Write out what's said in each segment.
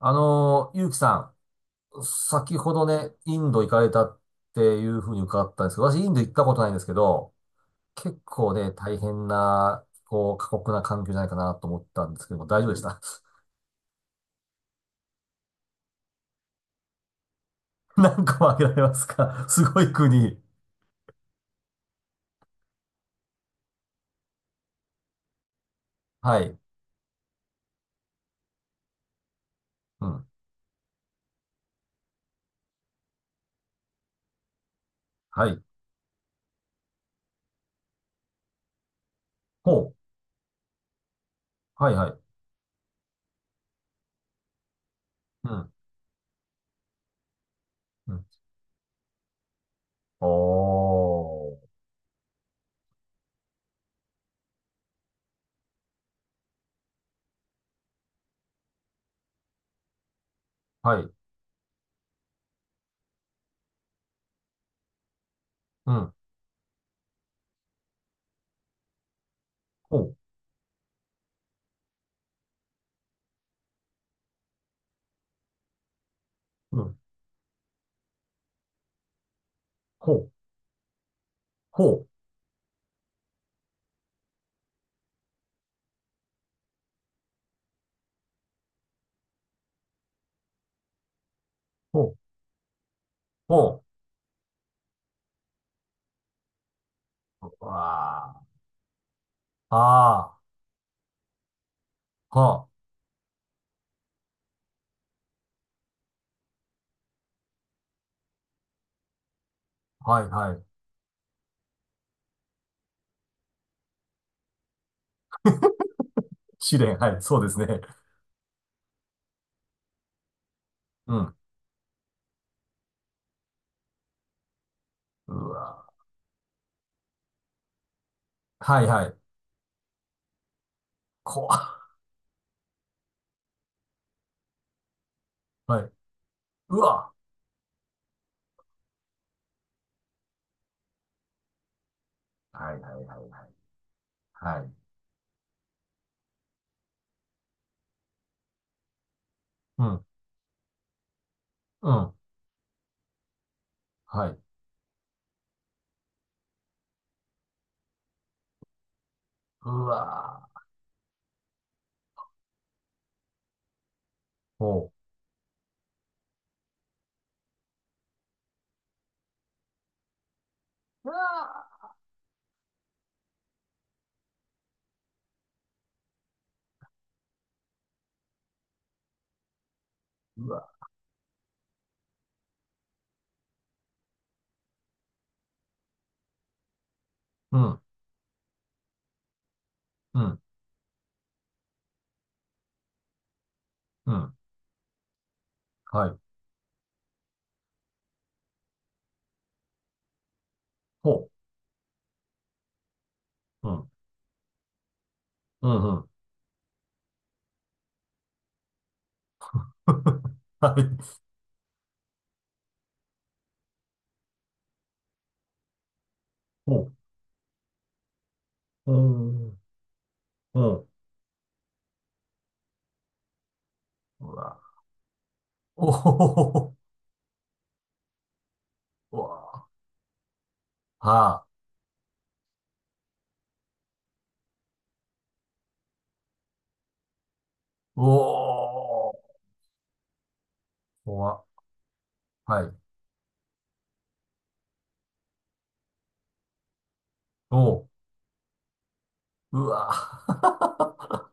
ゆうきさん、先ほどね、インド行かれたっていうふうに伺ったんですけど、私インド行ったことないんですけど、結構ね、大変な、過酷な環境じゃないかなと思ったんですけども、大丈夫でした？ 何個も挙げられますか？ すごい国。はい。うん。はい。ほう。はいはい。うん。うん。おー。はい。うん。ほう。うん。ほう。ほう。ほう。ほう。わー。あー。はあ。はいはい。試練。はい。そうですね。うん。うわ。はいはい。こわ。はい。うわ。はいはいはいはい。はい。うん。うん。はい。うわ。ほう。うわ。うわ。うん。うん。うん。はい。ほう。うん。うん。うん。はい。ほう。ほう。ほう。うわ。おほほほほ。うわ。はあ。おー。こわ。はい。おう。うわ。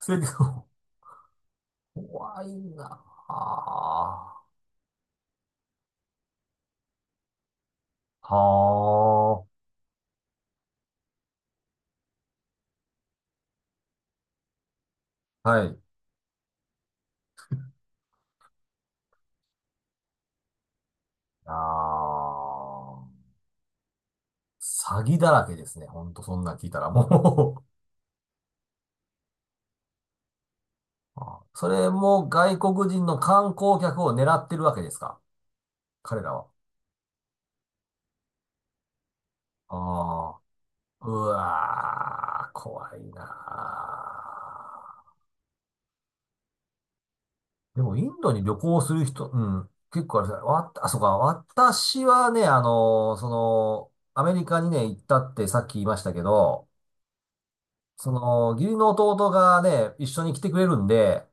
せりふ。 怖いなあ…はあ。はい。あ。ああ。詐欺だらけですね。ほんと、そんなん聞いたらもう。 あー、それも外国人の観光客を狙ってるわけですか、彼らは？ああ。うわー、怖いなー。でも、インドに旅行する人、うん、結構あれですねわ、あ、そうか、私はね、アメリカにね、行ったってさっき言いましたけど、その、義理の弟がね、一緒に来てくれるんで、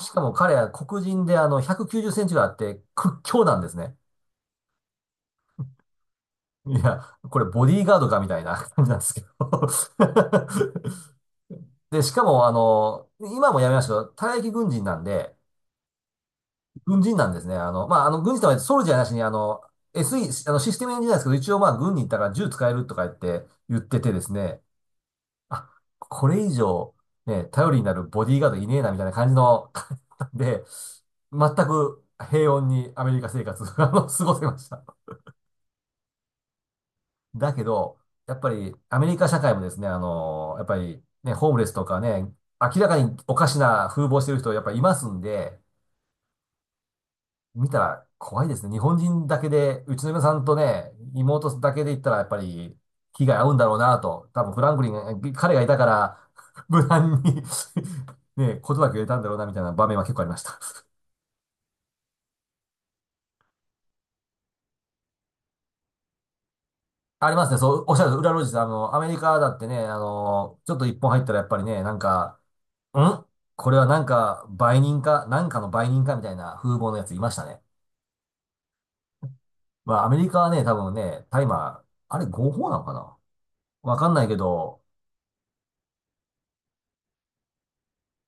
しかも彼は黒人で190センチがあって屈強なんですね。いや、これボディーガードかみたいな感じなんですけど。で、しかも今もやめましたけど、退役軍人なんで、軍人なんですね。軍人とはソルジャーなしにSE、システムエンジニアですけど、一応まあ、軍に行ったから銃使えるとか言っててですね、あ、これ以上、ね、頼りになるボディーガードいねえなみたいな感じの方で、全く平穏にアメリカ生活を過ごせました。だけど、やっぱりアメリカ社会もですね、やっぱりね、ホームレスとかね、明らかにおかしな風貌してる人やっぱりいますんで、見たら怖いですね。日本人だけで、うちの嫁さんとね、妹だけで言ったらやっぱり被害合うんだろうなと。多分フランクリンが、彼がいたから、無難に ね、ことだけ言えたんだろうなみたいな場面は結構ありました。ありますね。そう、おっしゃる、裏路地さん、アメリカだってね、ちょっと一本入ったらやっぱりね、なんか、ん、これはなんか、売人かみたいな風貌のやついましたね。まあ、アメリカはね、多分ね、大麻、あれ合法なのかな、わかんないけど、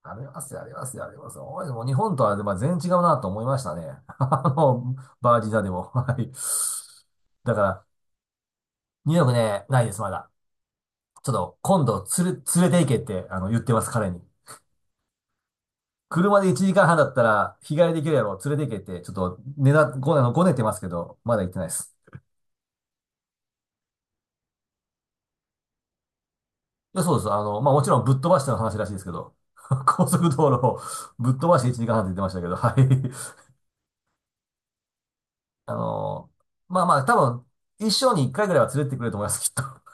ありますよ、ありますよ、ありますよ。おい、もう日本とは、まあ、全然違うなと思いましたね。あの、バージニアでも。はい。だから、ニューヨークね、ないです、まだ。ちょっと、今度、つれ、連れて行けって、言ってます、彼に。車で1時間半だったら、日帰りできるやろ、連れて行けって、ちょっと、ねだ、ご、あの、ごねてますけど、まだ行ってないです。いや、そうです。まあ、もちろんぶっ飛ばしての話らしいですけど、高速道路をぶっ飛ばして1、時間半って言ってましたけど、はい。あの、多分、一生に一回ぐらいは連れてってくれると思います、きっと。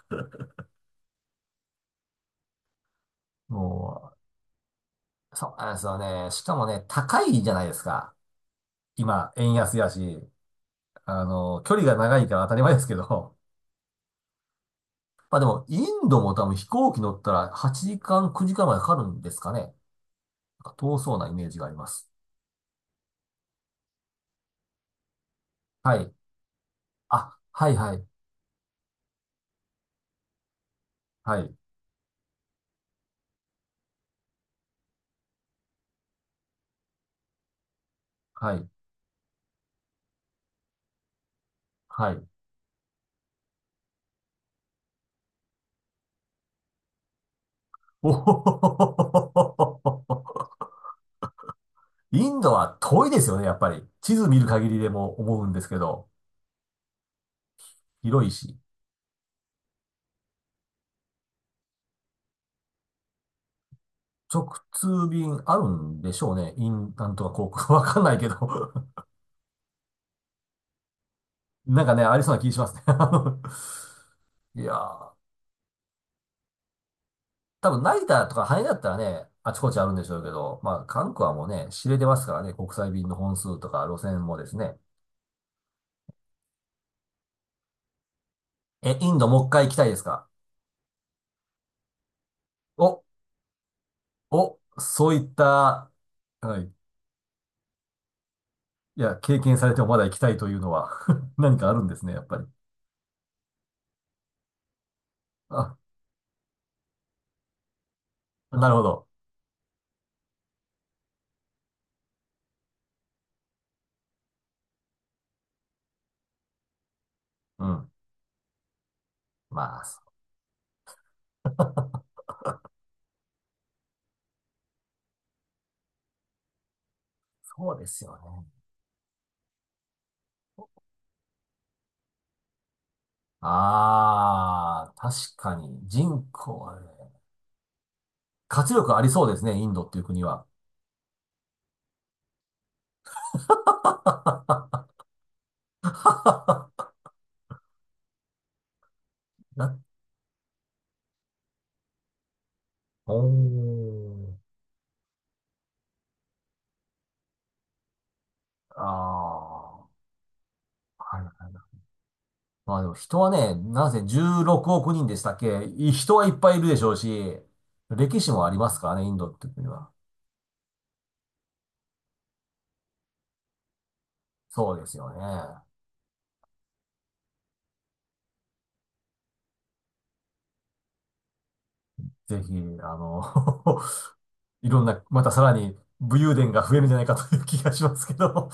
もう、そうなんですよね。しかもね、高いじゃないですか。今、円安やし、距離が長いから当たり前ですけど。まあでも、インドも多分飛行機乗ったら8時間、9時間までかかるんですかね。なんか遠そうなイメージがあります。はい。あ、はいはい。はい。はい。はい。おー。 インドは遠いですよね、やっぱり。地図見る限りでも思うんですけど、広いし。直通便あるんでしょうね。イン、なんとか航空。わかんないけど。 なんかね、ありそうな気しますね。あの、いやー、多分成田とか羽田だったらね、あちこちあるんでしょうけど、まあ、韓国はもうね、知れてますからね、国際便の本数とか路線もですね。え、インドもう一回行きたいですか？お、お、そういった、はい。いや、経験されてもまだ行きたいというのは 何かあるんですね、やっぱり。あ、なるほど。うん。まあ、そうですよね。ああ、確かに人口はね、活力ありそうですね、インドっていう国は。な、おー。ああ、はいはいはい。まあでも人はね、なぜ16億人でしたっけ、い、人はいっぱいいるでしょうし、歴史もありますからね、インドっていう国は。そうですよね。ぜひ、あの、いろんな、またさらに武勇伝が増えるんじゃないかという気がしますけども。